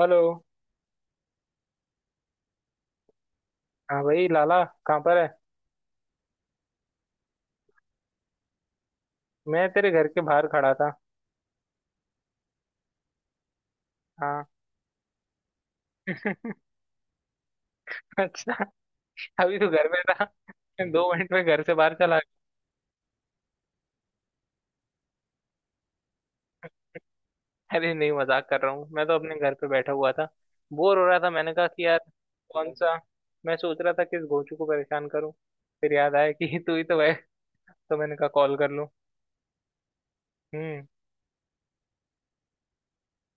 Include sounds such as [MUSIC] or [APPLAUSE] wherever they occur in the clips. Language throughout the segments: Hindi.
हेलो। हाँ भाई, लाला कहाँ पर है? मैं तेरे घर के बाहर खड़ा था। हाँ। [LAUGHS] अच्छा। अभी तो घर में था। मैं 2 मिनट में घर से बाहर चला गया। अरे नहीं, मजाक कर रहा हूँ, मैं तो अपने घर पे बैठा हुआ था। बोर हो रहा था, मैंने कहा कि यार, कौन सा, मैं सोच रहा था किस गोचू को परेशान करूँ, फिर याद आया कि [LAUGHS] तू ही तो है, तो मैंने कहा कॉल कर लूँ। हम्म।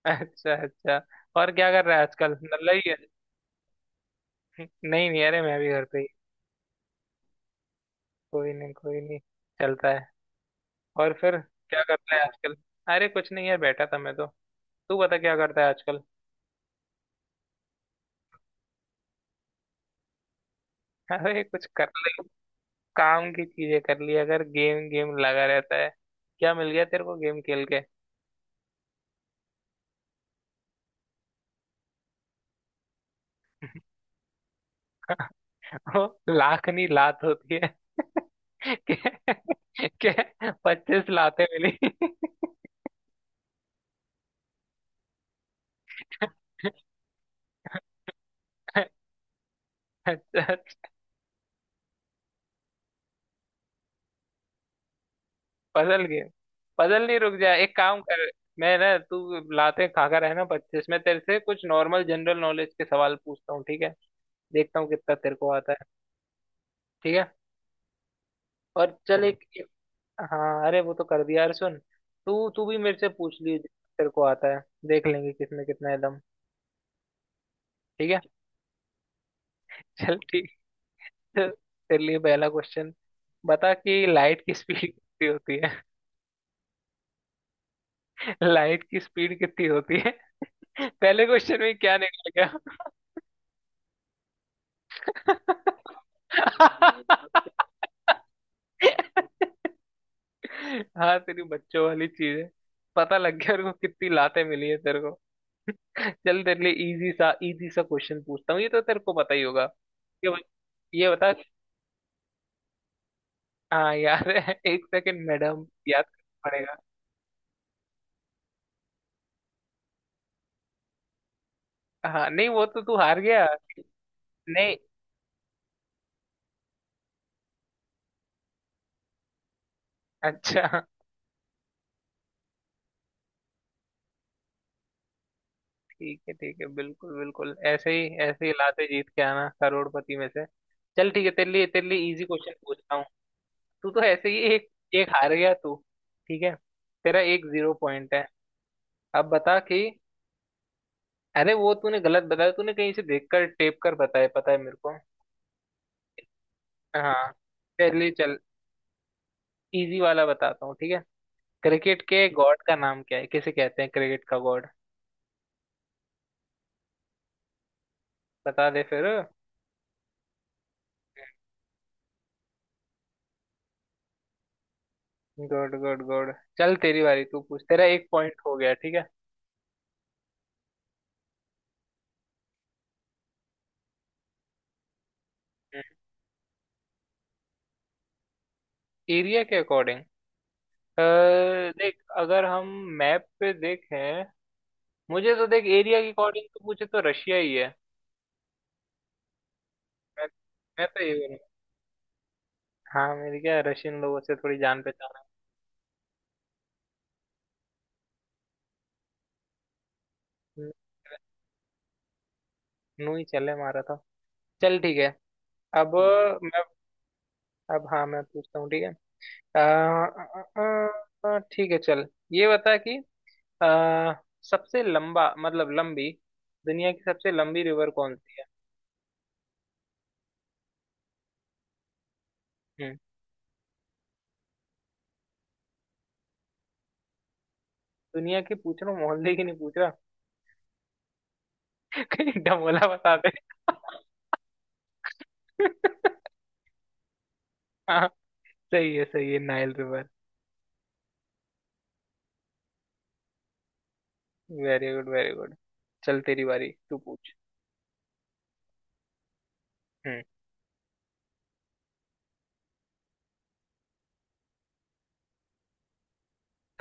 अच्छा अच्छा। और क्या कर रहा है आजकल, नल्ला ही है? [LAUGHS] नहीं नहीं, अरे मैं भी घर पे ही। कोई नहीं कोई नहीं, चलता है। और फिर क्या करता है आजकल? अरे कुछ नहीं है, बैठा था मैं तो। तू बता क्या करता है आजकल? [LAUGHS] अरे कुछ कर ले, काम की चीजें कर लिया अगर गेम गेम लगा रहता है। क्या मिल गया तेरे को गेम खेल के? [LAUGHS] वो लाखनी लात होती है। [LAUGHS] क्या? क्या? 25 लातें मिली? [LAUGHS] अच्छा। Puzzle game. पजल नहीं, रुक जा, एक काम कर। मैं ना, तू लाते खा कर है ना पच्चीस, मैं तेरे से कुछ नॉर्मल जनरल नॉलेज के सवाल पूछता हूँ, ठीक है? देखता हूँ कितना तेरे को आता है। ठीक है। और चल, चलो एक। हाँ अरे वो तो कर दिया यार, सुन, तू तू भी मेरे से पूछ ली जितना तेरे को आता है। देख लेंगे किसमें कितना है दम। ठीक है। [LAUGHS] चल ठीक है, तेरे लिए पहला क्वेश्चन। बता कि लाइट की स्पीड कितनी होती है। [LAUGHS] लाइट की स्पीड कितनी होती है? [LAUGHS] पहले क्वेश्चन में क्या निकल गया? [LAUGHS] हाँ, तेरी बच्चों वाली चीज है। पता लग गया और कितनी लातें मिली है तेरे को। चल तेरे लिए इजी सा क्वेश्चन पूछता हूँ, ये तो तेरे को पता ही होगा। ये बत- ये बता। हाँ यार, [LAUGHS] एक सेकंड मैडम, याद करना पड़ेगा। हाँ नहीं, वो तो तू हार गया। नहीं। अच्छा ठीक है ठीक है, बिल्कुल बिल्कुल, ऐसे ही लाते जीत के आना करोड़पति में से। चल ठीक है, तेरे लिए इजी क्वेश्चन पूछता हूँ। तू तो ऐसे ही। एक एक हार गया तू। ठीक है। तेरा एक जीरो पॉइंट है। अब बता कि, अरे वो तूने गलत बताया, तूने कहीं से देखकर टेप कर बताया, पता है मेरे को। हाँ। चलिए चल, इजी वाला बताता हूँ, ठीक है। क्रिकेट के गॉड का नाम क्या है, किसे कहते हैं क्रिकेट का गॉड? बता दे फिर। Good good good. चल तेरी बारी, तू पूछ। तेरा एक पॉइंट हो गया, ठीक है। एरिया के अकॉर्डिंग। देख अगर हम मैप पे देखें, मुझे तो देख एरिया के अकॉर्डिंग तो पूछे तो रशिया ही है। मैं मैं तो ये बोलूँ। हाँ मेरी क्या रशियन लोगों से थोड़ी जान पहचान है। नू ही चले मारा था। चल ठीक है। अब मैं, अब हाँ मैं पूछता हूँ, ठीक है। आ, आ, आ, ठीक है चल, ये बता कि, आ, सबसे लंबा मतलब लंबी, दुनिया की सबसे लंबी रिवर कौन सी है? हम्म। दुनिया की पूछ रहा हूँ, मोहल्ले की नहीं पूछ रहा। [LAUGHS] कहीं डमोला बता दे। [LAUGHS] हाँ, सही है सही है, Nile river. Very good very good. चल तेरी बारी, तू पूछ। हम्म।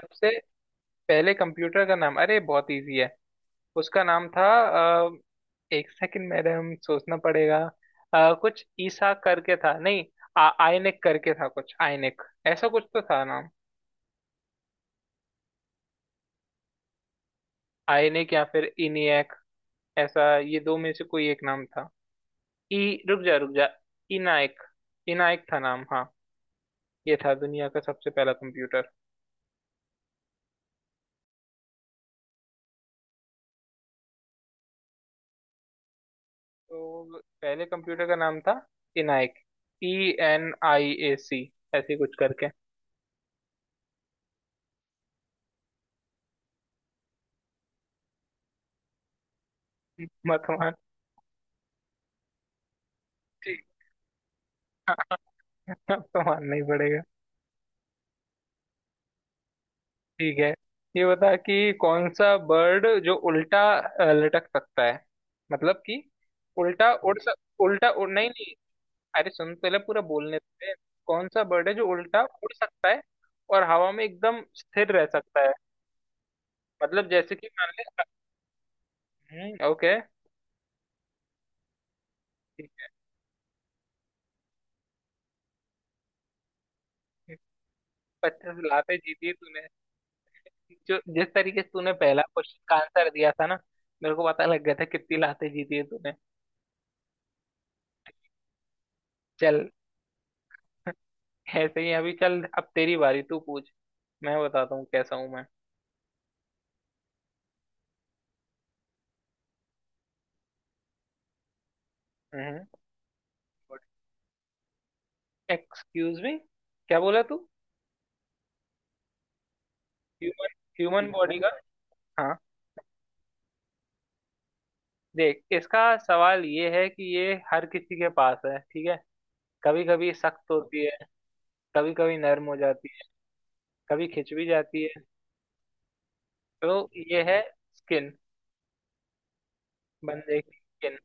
सबसे पहले कंप्यूटर का नाम, अरे बहुत इजी है। उसका नाम था 1 सेकंड, मेरे हम सोचना पड़ेगा। कुछ ईसा करके था नहीं, आयनिक करके था, कुछ आयनिक, ऐसा कुछ तो था नाम। आयनिक या फिर इनियक, ऐसा ये दो में से कोई एक नाम था। ई, रुक जा रुक जा, इनायक, इनायक था नाम, हाँ। ये था दुनिया का सबसे पहला कंप्यूटर। तो पहले कंप्यूटर का नाम था ENIAC, E N I A C, ऐसे कुछ करके। मत मान। ठीक। [LAUGHS] मत मान नहीं। ठीक है। ये बता कि कौन सा बर्ड जो उल्टा लटक सकता है, मतलब कि, उल्टा उड़, नहीं नहीं, अरे सुन पहले पूरा बोलने दे। कौन सा बर्ड है जो उल्टा उड़ सकता है और हवा में एकदम स्थिर रह सकता है? मतलब जैसे कि मान ले। ओके। ठीक है, 50 लाते जीती तूने। जो जिस तरीके से तूने पहला क्वेश्चन का आंसर दिया था ना, मेरे को पता लग गया था कितनी लाते जीती है तूने। चल ऐसे ही, अभी चल, अब तेरी बारी, तू पूछ। मैं बताता हूँ कैसा हूँ मैं। एक्सक्यूज मी, क्या बोला तू? ह्यूमन, ह्यूमन बॉडी का? हाँ। देख, इसका सवाल ये है कि ये हर किसी के पास है, ठीक है। कभी कभी सख्त होती है, कभी कभी नरम हो जाती है, कभी खिंच भी जाती है। तो ये है स्किन, बंदे की स्किन,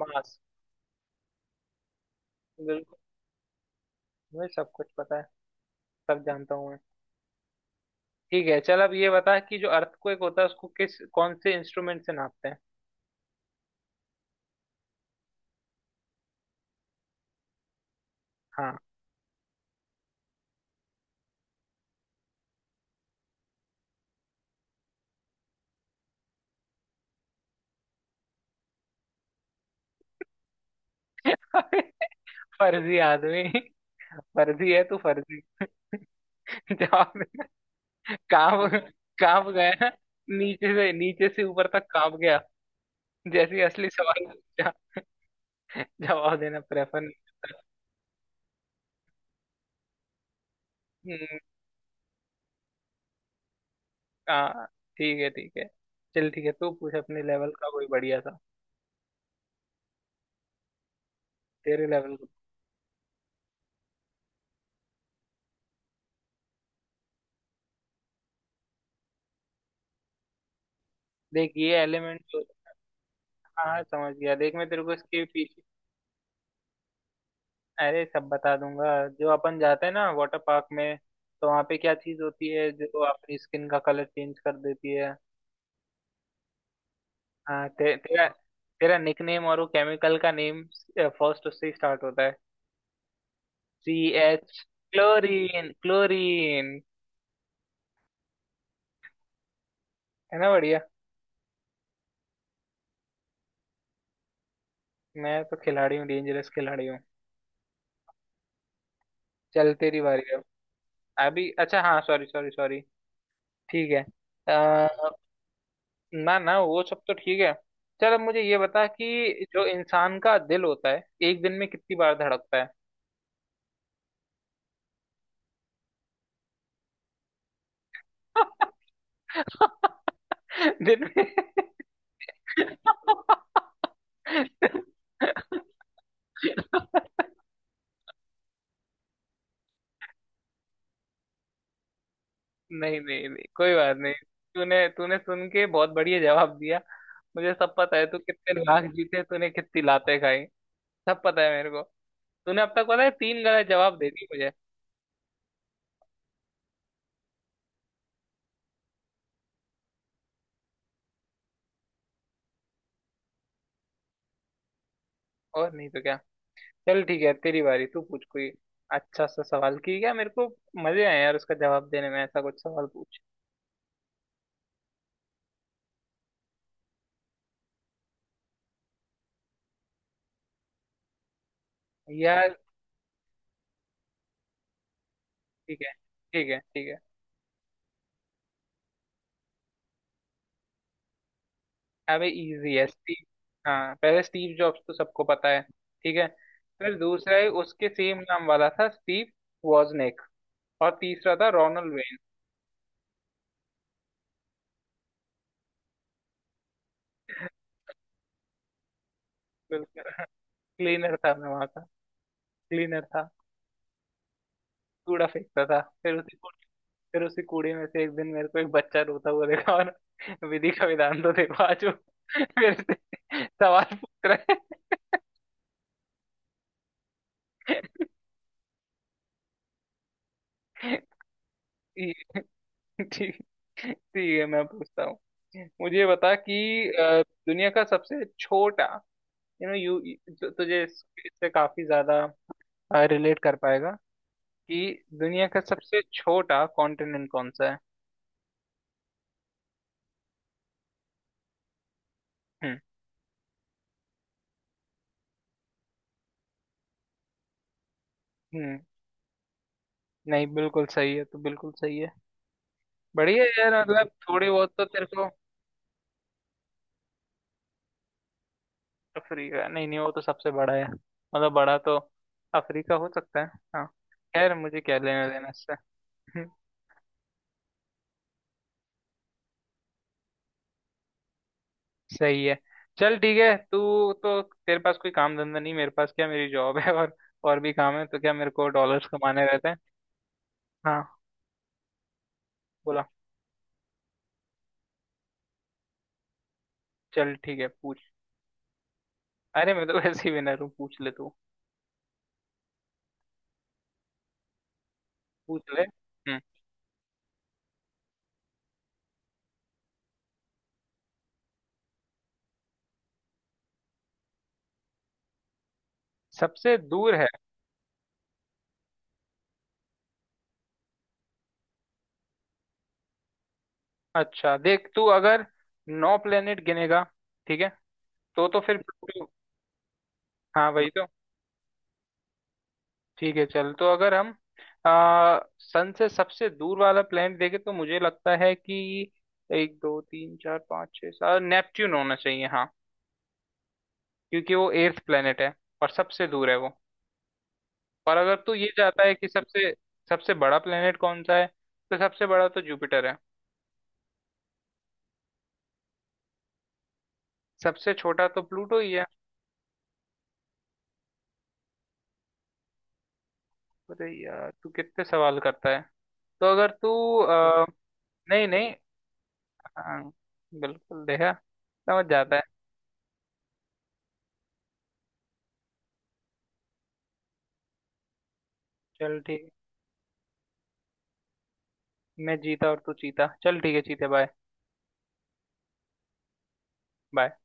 मांस। बिल्कुल, मुझे सब कुछ पता है, सब जानता हूँ मैं। ठीक है चल, अब ये बता कि जो अर्थक्वेक होता है उसको किस कौन से इंस्ट्रूमेंट से नापते हैं? हाँ। फर्जी आदमी, फर्जी है तू, फर्जी। जवाब देना। कांप। कांप गया, नीचे से ऊपर तक कांप गया जैसे ही असली सवाल पूछा। जवाब देना प्रेफर। हम्म, हाँ, ठीक है ठीक है। चल ठीक है, तू पूछ अपने लेवल का कोई बढ़िया सा। तेरे लेवल का। देख, ये एलिमेंट जो, हाँ हाँ, समझ गया, देख मैं तेरे को इसके पीछे, अरे सब बता दूंगा। जो अपन जाते हैं ना वाटर पार्क में, तो वहाँ पे क्या चीज होती है जो अपनी स्किन का कलर चेंज कर देती है? हाँ, तेरा तेरा निकनेम और वो केमिकल का नेम फर्स्ट उससे ही स्टार्ट होता है। C, H, chlorine chlorine. है ना बढ़िया। मैं तो खिलाड़ी हूँ, डेंजरस खिलाड़ी हूँ। चल तेरी बारी है। अभी अच्छा, हाँ सॉरी सॉरी सॉरी, ठीक है। ना ना वो सब तो ठीक है। चल अब मुझे ये बता कि जो इंसान का दिल होता है, एक दिन में कितनी बार धड़कता है? [LAUGHS] दिन में। नहीं नहीं नहीं, कोई बात नहीं, तूने तूने सुन के बहुत बढ़िया जवाब दिया। मुझे सब पता है, तू कितने लाख जीते तूने, कितनी लातें खाई, सब पता है मेरे को। तूने अब तक पता है तीन गलत जवाब दे दिए मुझे, और नहीं तो क्या। चल ठीक है, तेरी बारी, तू पूछ कोई अच्छा सा सवाल की क्या मेरे को मजे आए यार उसका जवाब देने में, ऐसा कुछ सवाल पूछ। यार। ठीक है ठीक है ठीक है अबे इजी है स्टीव हाँ पहले स्टीव जॉब्स तो सबको पता है ठीक है फिर दूसरा है उसके सेम नाम वाला था स्टीव वॉजनेक और तीसरा था रोनल वेन [LAUGHS] बिल्कुल क्लीनर था मैं वहां का क्लीनर था कूड़ा फेंकता था फिर उसे फिर उसी कूड़े में से एक दिन मेरे को एक बच्चा रोता हुआ देखा और विधि का विधान तो देखो आज वो फिर से सवाल पूछ रहा है ठीक ठीक, ठीक है मैं पूछता हूँ, मुझे बता कि दुनिया का सबसे छोटा, यू नो यू तुझे इससे काफी ज्यादा रिलेट कर पाएगा कि दुनिया का सबसे छोटा कॉन्टिनेंट कौन सा है? हम्म हम्म। नहीं बिल्कुल सही है, तो बिल्कुल सही है। बढ़िया है यार, मतलब थोड़ी बहुत तो तेरे को। अफ्रीका नहीं नहीं, वो तो सबसे बड़ा है, मतलब बड़ा तो अफ्रीका हो सकता है। हाँ। खैर मुझे क्या लेना देना इससे। [LAUGHS] सही है। चल ठीक है, तू तो, तेरे पास कोई काम धंधा नहीं, मेरे पास क्या, मेरी जॉब है और भी काम है, तो क्या, मेरे को डॉलर्स कमाने रहते हैं। हाँ। बोला। चल ठीक है पूछ। अरे मैं तो वैसे ही विनर हूँ, पूछ ले तू। पूछ ले। हम्म। सबसे दूर है? अच्छा देख, तू अगर नौ प्लेनेट गिनेगा, ठीक है, तो फिर प्लूटो। हाँ वही तो। ठीक है चल, तो अगर हम सन से सबसे दूर वाला प्लैनेट देखें तो मुझे लगता है कि एक दो तीन चार पाँच छः सात, नेपच्यून होना चाहिए, हाँ, क्योंकि वो एर्थ प्लैनेट है और सबसे दूर है वो। पर अगर तू ये चाहता है कि सबसे सबसे बड़ा प्लैनेट कौन सा है, तो सबसे बड़ा तो जुपिटर है। सबसे छोटा तो प्लूटो ही है। अरे यार तू कितने सवाल करता है? तो अगर तू, अ, नहीं नहीं, हाँ बिल्कुल, देखा, समझ जाता है। चल ठीक है। मैं जीता और तू चीता, चल ठीक है, चीते बाय। बाय।